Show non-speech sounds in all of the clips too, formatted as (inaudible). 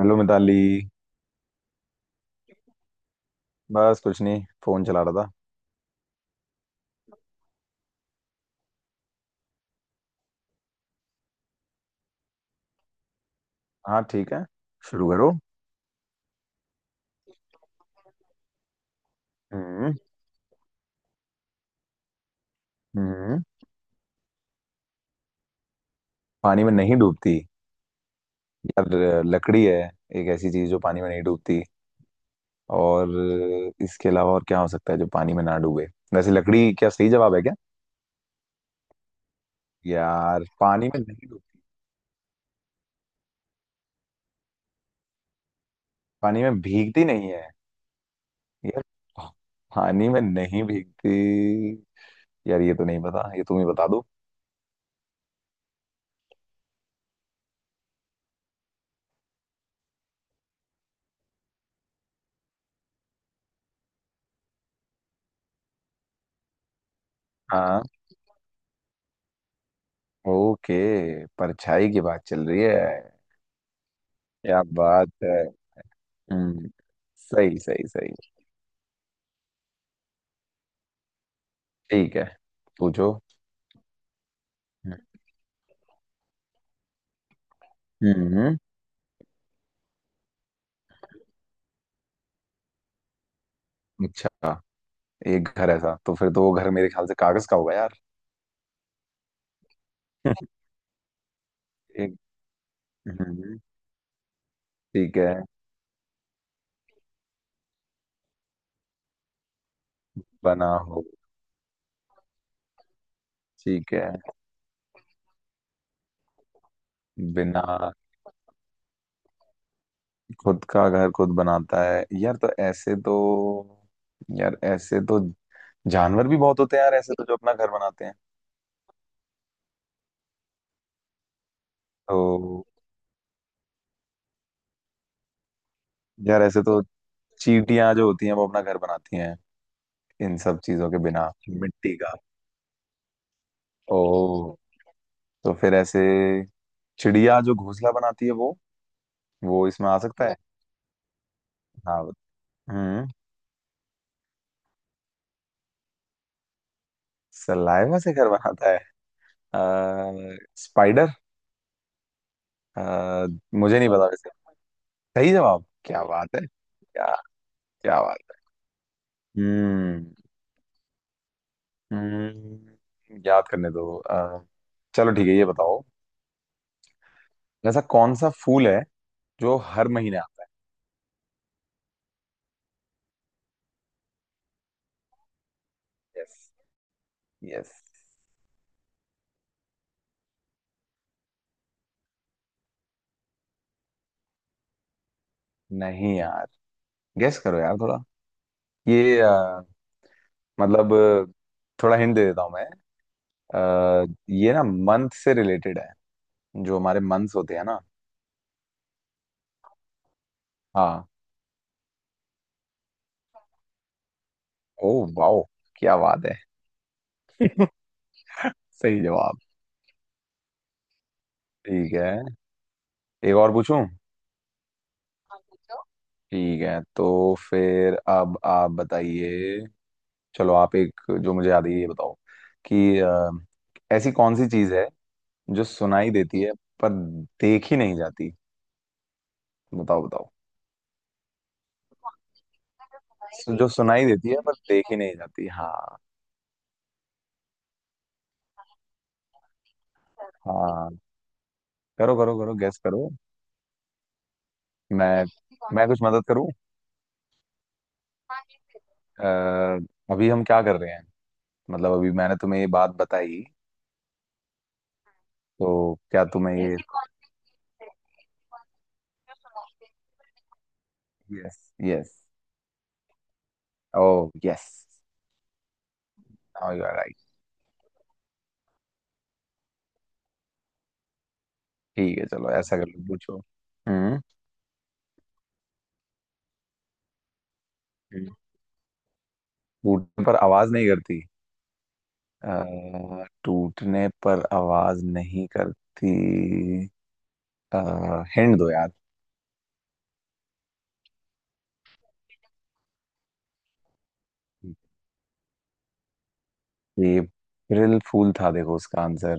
Hello Mitali. बस कुछ नहीं, फोन चला रहा था। हाँ, ठीक है। शुरू करो। हम्म। हम्म। पानी में नहीं डूबती। यार, लकड़ी है। एक ऐसी चीज जो पानी में नहीं डूबती। और इसके अलावा और क्या हो सकता है जो पानी में ना डूबे? वैसे लकड़ी क्या सही जवाब है क्या? यार, पानी में नहीं डूबती। पानी में भीगती नहीं है। यार, पानी में नहीं भीगती। यार ये तो नहीं पता, ये तुम ही बता दो। हाँ। ओके। परछाई की बात चल रही है। क्या बात है। हम्म, सही सही सही। ठीक है। पूछो। हम्म। अच्छा। एक घर ऐसा तो फिर तो वो घर मेरे ख्याल से कागज का होगा यार। (laughs) एक। हम्म। ठीक है। बना हो। ठीक है। बिना। खुद का घर खुद बनाता है, यार तो ऐसे तो। यार ऐसे तो। जानवर भी बहुत होते हैं यार, ऐसे तो जो अपना घर बनाते हैं। तो यार ऐसे तो। चींटियां जो होती हैं वो अपना घर बनाती हैं। इन सब चीजों के बिना, मिट्टी का। ओ। तो फिर ऐसे। चिड़िया जो घोंसला बनाती है वो। वो इसमें आ सकता है। हाँ। हाँ। हम्म। सलाइवा से घर बनाता है। स्पाइडर। अ, मुझे नहीं पता वैसे। सही जवाब। क्या बात है क्या? क्या बात है। याद करने दो चलो ठीक है, ये बताओ। ऐसा कौन सा फूल है जो हर महीने आता है? Yes, yes. नहीं यार, गेस करो यार थोड़ा। ये मतलब, थोड़ा हिंट दे देता हूँ मैं। ये ना मंथ से रिलेटेड है। जो हमारे मंथ्स होते हैं ना। हाँ। ओ, वाओ, क्या बात है। सही जवाब। ठीक है। एक और पूछूं? हाँ, पूछो। ठीक है, तो फिर अब आप बताइए। चलो आप एक जो मुझे याद है ये बताओ। कि ऐसी कौन सी चीज है जो सुनाई देती है पर देखी नहीं जाती? बताओ, बताओ। जो सुनाई देती है पर देखी नहीं नहीं जाती, हाँ। हाँ। करो करो करो, गैस करो। मैं मैं सी कुछ मदद करूं? अ, अभी हम क्या कर रहे हैं? मतलब अभी मैंने तुम्हें ये बात बताई। तो क्या तुम्हें ये। सी। Yes, yes. Oh, yes. Now you are right. ठीक है चलो, ऐसा कर लो, पूछो। हम्म। हम्म। टूटने पर आवाज नहीं करती। टूटने पर आवाज नहीं करती। हिंड दो यार। ये अप्रैल फूल था, देखो उसका आंसर।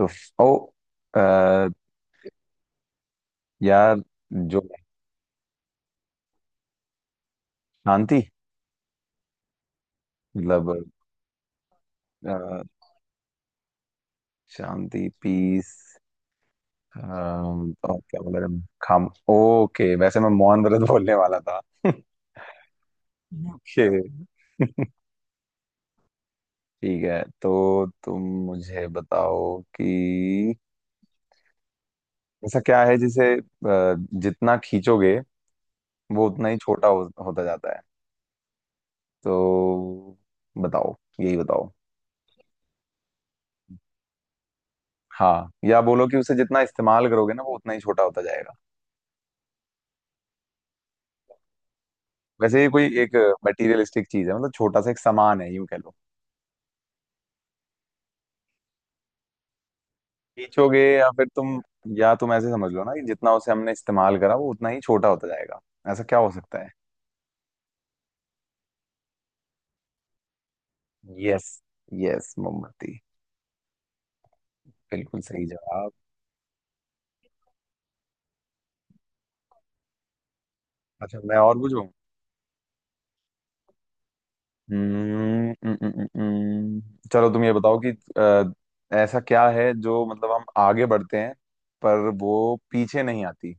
तो। ओ। अ, यार, जो शांति, मतलब अ, शांति, पीस। और क्या बोला था? खाम ओके, वैसे मैं मोहन व्रत (laughs) बोलने वाला था (laughs) ओके। ठीक है तो तुम मुझे बताओ कि। ऐसा क्या है जिसे जितना खींचोगे वो उतना ही छोटा होता जाता है। तो बताओ। यही बताओ। हाँ, या बोलो कि उसे जितना इस्तेमाल करोगे ना वो उतना ही छोटा होता जाएगा। वैसे ये कोई एक मटेरियलिस्टिक चीज है, मतलब छोटा सा एक सामान है यूं कह लो। खींचोगे या फिर तुम। या तुम ऐसे समझ लो ना कि जितना उसे हमने इस्तेमाल करा वो उतना ही छोटा होता जाएगा। ऐसा क्या हो सकता है? यस। यस, मोमबत्ती। बिल्कुल सही जवाब। अच्छा, मैं और पूछूं? हम्म, हम्म, हम्म, हम्म, चलो तुम ये बताओ कि ऐसा क्या है जो मतलब हम आगे बढ़ते हैं, पर वो पीछे नहीं आती।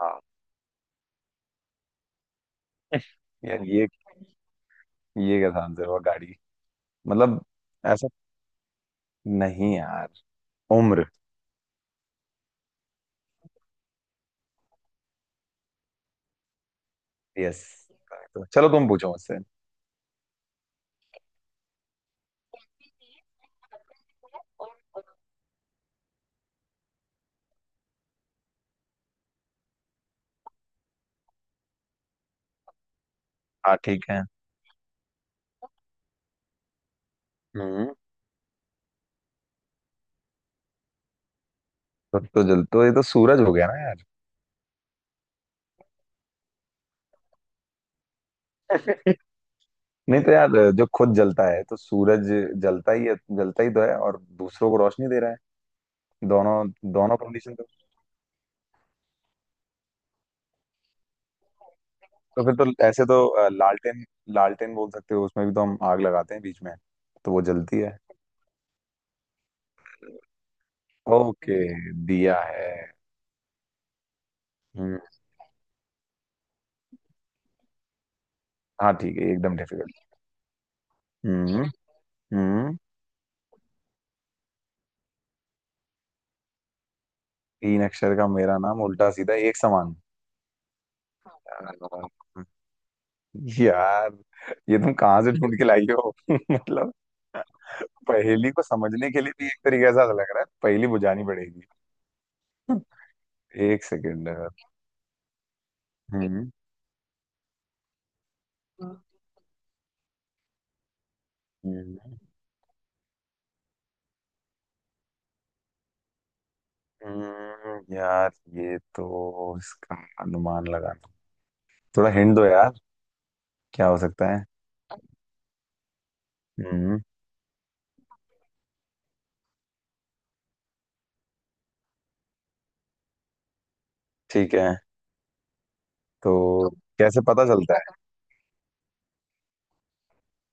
हाँ। यार ये कैसा आंसर हुआ गाड़ी? मतलब, ऐसा, नहीं यार, उम्र। यस। तो चलो तुम पूछो मुझसे। हाँ ठीक है, हम्म खुद तो जल तो ये तो सूरज हो गया ना यार नहीं तो यार जो खुद जलता है तो सूरज जलता ही है जलता ही तो है और दूसरों को रोशनी दे रहा है दोनों दोनों कंडीशन तो फिर तो ऐसे तो अ, लालटेन लालटेन बोल सकते हो उसमें भी तो हम आग लगाते हैं बीच में तो वो जलती है ओके दिया है हम्म, हाँ ठीक है एकदम डिफिकल्ट। हम्म। हम्म। तीन अक्षर का मेरा नाम उल्टा सीधा एक समान। यार ये तुम कहाँ से ढूंढ के लाई हो (laughs) मतलब, पहेली को समझने के लिए भी एक तरीके से ऐसा लग रहा है, पहेली बुझानी पड़ेगी। (laughs) एक सेकेंड। हम्म। हम्म, यार, ये तो इसका अनुमान लगाना, थोड़ा हिंट दो यार। क्या हो सकता है? हम्म। ठीक है। तो कैसे पता चलता है?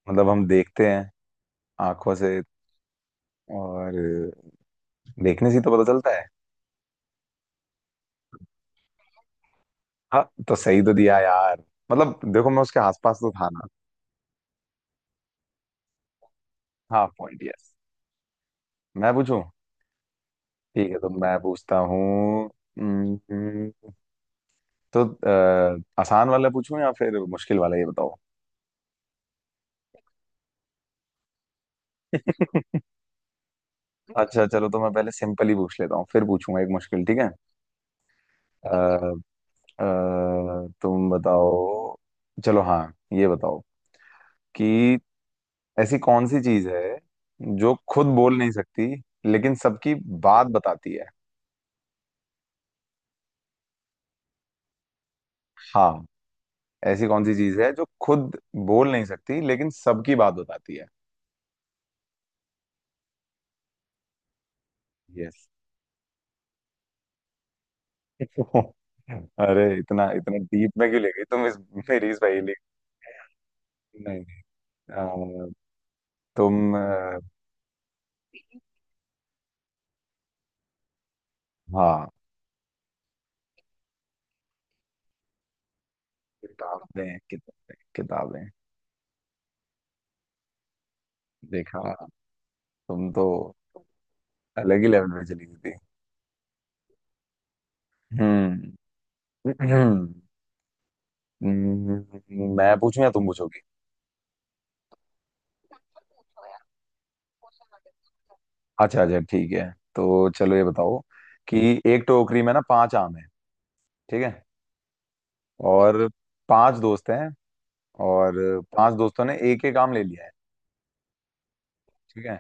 मतलब हम देखते हैं, आंखों से, और देखने से ही तो पता चलता है। हाँ, तो सही तो दिया यार। मतलब देखो, मैं उसके आसपास तो था ना। Half point, yes. मैं पूछूं? ठीक है, तो मैं पूछता हूँ। हम्म, तो आसान वाला पूछूं या फिर मुश्किल वाला, ये बताओ। (laughs) अच्छा चलो, तो मैं पहले सिंपल ही पूछ लेता हूँ, फिर पूछूंगा एक मुश्किल, ठीक है। अ, तुम बताओ। चलो हाँ, ये बताओ कि ऐसी कौन सी चीज है जो खुद बोल नहीं सकती लेकिन सबकी बात बताती है? हाँ। ऐसी कौन सी चीज है जो खुद बोल नहीं सकती लेकिन सबकी बात बताती है? यस। (laughs) अरे, इतना इतना डीप में क्यों ले गई तुम इस मेरी इस पहेली को? नहीं। नहीं। तुम हाँ, किताबें, किताबें, किताबें। देखा। तुम तो अलग ही लेवल पे चली गई थी। हम्म। मैं पूछूं या तुम पूछोगी? अच्छा अच्छा ठीक है, तो चलो ये बताओ कि एक टोकरी में ना पांच आम है। ठीक है। और पांच दोस्त हैं। और पांच दोस्तों ने एक एक आम ले लिया है। ठीक है।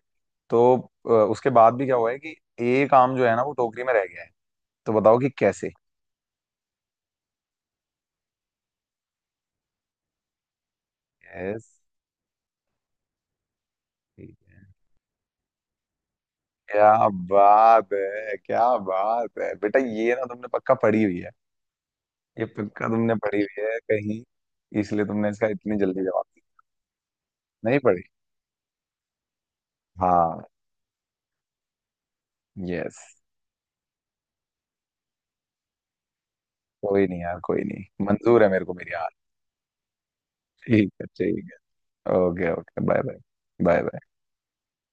तो उसके बाद भी क्या हुआ है कि एक आम जो है ना, वो टोकरी में रह गया है। तो बताओ कि कैसे। यस। क्या बात है, क्या बात है बेटा, ये ना तुमने पक्का पढ़ी हुई है। ये पक्का तुमने पढ़ी हुई है कहीं, इसलिए तुमने इसका इतनी जल्दी जवाब दिया, नहीं पढ़ी। हाँ। यस। कोई नहीं यार, कोई नहीं, मंजूर है मेरे को मेरी हार। ठीक है, ठीक है, okay, okay, bye bye. Bye bye.